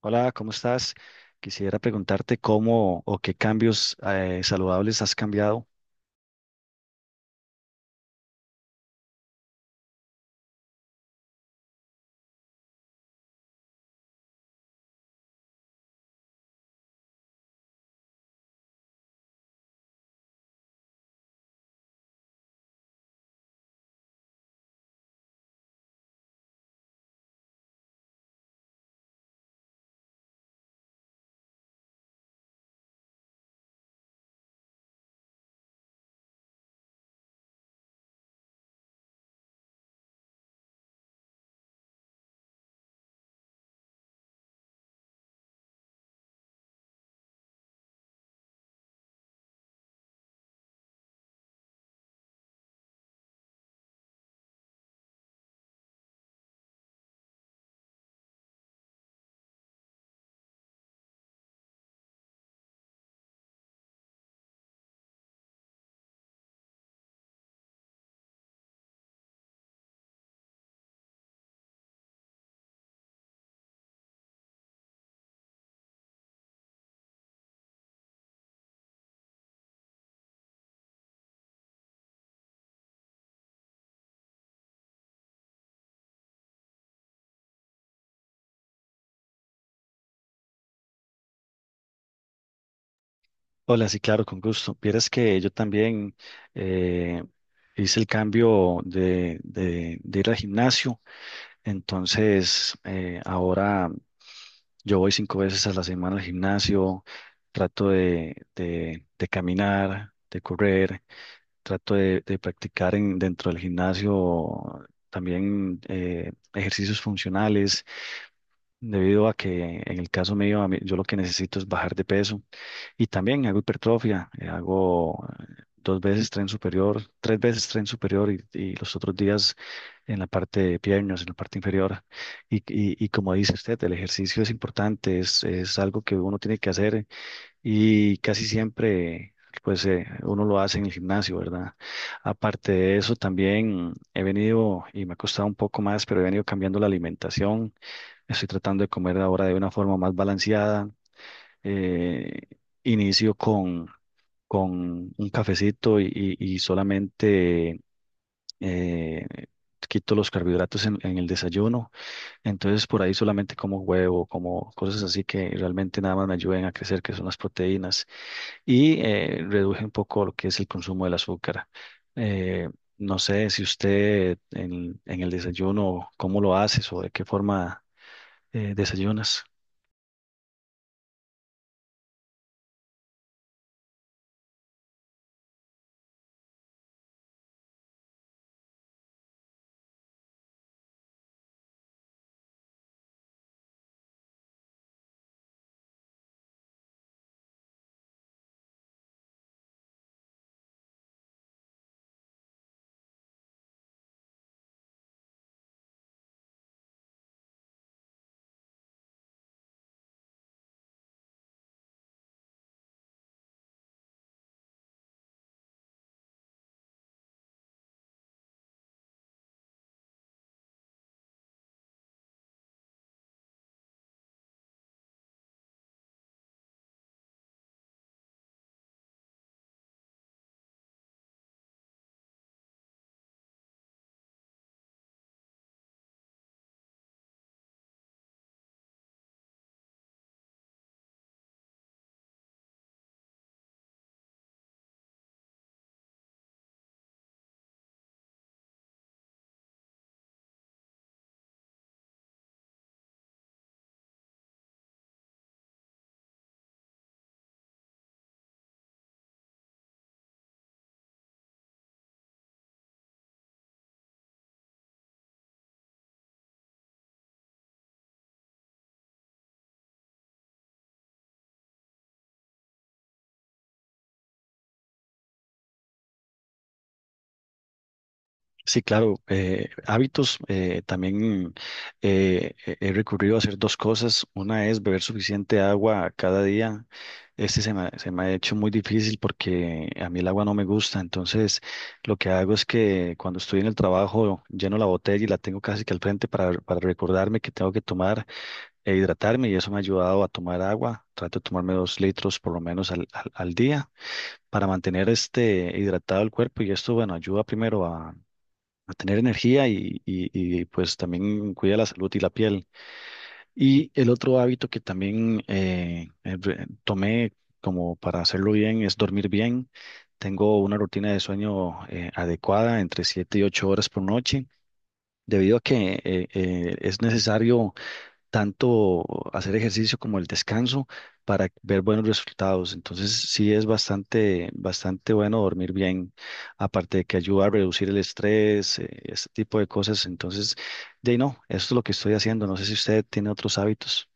Hola, ¿cómo estás? Quisiera preguntarte cómo o qué cambios saludables has cambiado. Hola, sí, claro, con gusto. Vieras que yo también eh, hice el cambio de ir al gimnasio, entonces ahora yo voy 5 veces a la semana al gimnasio, trato de caminar, de correr, trato de practicar dentro del gimnasio también ejercicios funcionales debido a que en el caso mío, yo lo que necesito es bajar de peso y también hago hipertrofia, hago 2 veces tren superior, 3 veces tren superior y los otros días en la parte de piernas, en la parte inferior. Y como dice usted, el ejercicio es importante, es algo que uno tiene que hacer y casi siempre, pues uno lo hace en el gimnasio, ¿verdad? Aparte de eso, también he venido, y me ha costado un poco más, pero he venido cambiando la alimentación. Estoy tratando de comer ahora de una forma más balanceada. Eh, inicio con un cafecito y solamente eh, quito los carbohidratos en el desayuno, entonces por ahí solamente como huevo, como cosas así que realmente nada más me ayuden a crecer, que son las proteínas, y reduje un poco lo que es el consumo del azúcar. Eh, no sé si usted en el desayuno, cómo lo haces o de qué forma desayunas. Sí, claro. Hábitos, también he recurrido a hacer dos cosas. Una es beber suficiente agua cada día. Se me ha hecho muy difícil porque a mí el agua no me gusta. Entonces, lo que hago es que cuando estoy en el trabajo, lleno la botella y la tengo casi que al frente para recordarme que tengo que tomar e hidratarme y eso me ha ayudado a tomar agua. Trato de tomarme 2 litros por lo menos al día para mantener este hidratado el cuerpo y esto, bueno, ayuda primero a tener energía y pues también cuida la salud y la piel. Y el otro hábito que también tomé como para hacerlo bien es dormir bien. Tengo una rutina de sueño adecuada entre 7 y 8 horas por noche, debido a que es necesario tanto hacer ejercicio como el descanso para ver buenos resultados. Entonces, sí es bastante, bastante bueno dormir bien, aparte de que ayuda a reducir el estrés, este tipo de cosas. Entonces, de ahí no, esto es lo que estoy haciendo. No sé si usted tiene otros hábitos.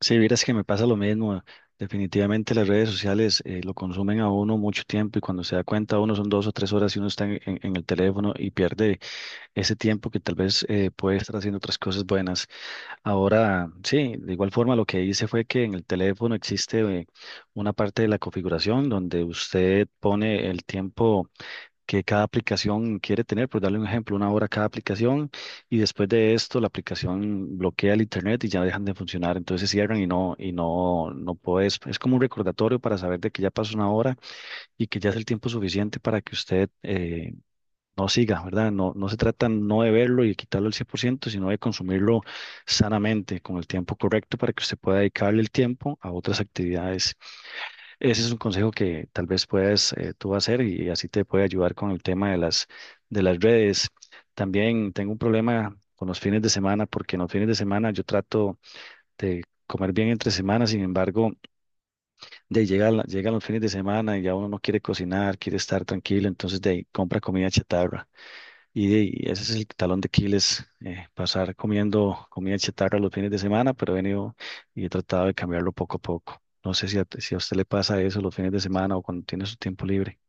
Si vieras que me pasa lo mismo. Definitivamente las redes sociales lo consumen a uno mucho tiempo y cuando se da cuenta uno son 2 o 3 horas y uno está en el teléfono y pierde ese tiempo que tal vez puede estar haciendo otras cosas buenas. Ahora, sí, de igual forma lo que hice fue que en el teléfono existe una parte de la configuración donde usted pone el tiempo que cada aplicación quiere tener, por darle un ejemplo, 1 hora cada aplicación y después de esto la aplicación bloquea el internet y ya dejan de funcionar, entonces cierran y no puedes, es como un recordatorio para saber de que ya pasó 1 hora y que ya es el tiempo suficiente para que usted no siga, ¿verdad? No, no se trata no de verlo y de quitarlo al 100%, sino de consumirlo sanamente, con el tiempo correcto para que usted pueda dedicarle el tiempo a otras actividades. Ese es un consejo que tal vez puedas tú hacer y así te puede ayudar con el tema de las redes. También tengo un problema con los fines de semana, porque en los fines de semana yo trato de comer bien entre semanas, sin embargo, de ahí llegan los fines de semana y ya uno no quiere cocinar, quiere estar tranquilo, entonces de ahí compra comida chatarra. Y ese es el talón de Aquiles, pasar comiendo comida chatarra los fines de semana, pero he venido y he tratado de cambiarlo poco a poco. No sé si a usted le pasa eso los fines de semana o cuando tiene su tiempo libre.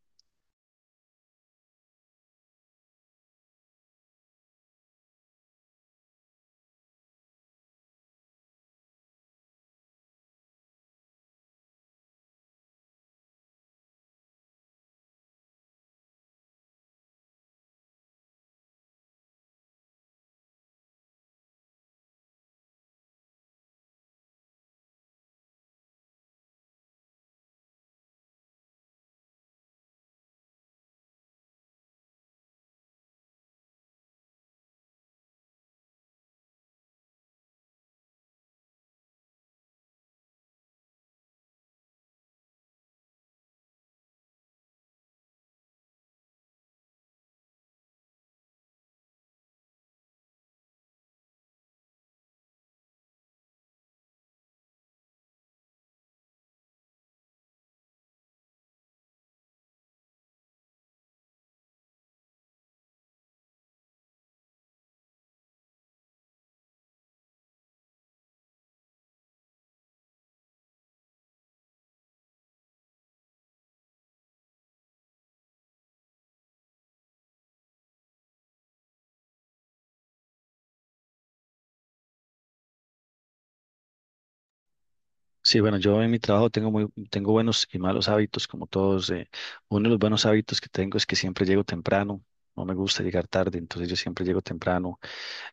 Sí, bueno, yo en mi trabajo tengo tengo buenos y malos hábitos, como todos. Uno de los buenos hábitos que tengo es que siempre llego temprano. No me gusta llegar tarde, entonces yo siempre llego temprano.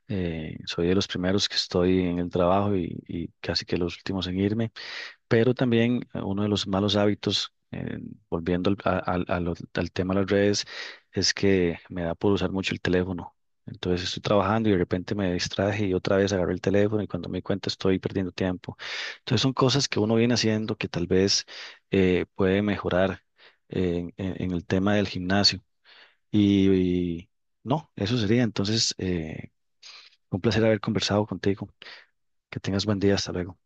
Soy de los primeros que estoy en el trabajo y casi que los últimos en irme. Pero también uno de los malos hábitos, volviendo al tema de las redes, es que me da por usar mucho el teléfono. Entonces estoy trabajando y de repente me distraje y otra vez agarré el teléfono y cuando me di cuenta estoy perdiendo tiempo. Entonces son cosas que uno viene haciendo que tal vez puede mejorar en el tema del gimnasio. Y, y no, eso sería. Entonces, un placer haber conversado contigo. Que tengas buen día. Hasta luego.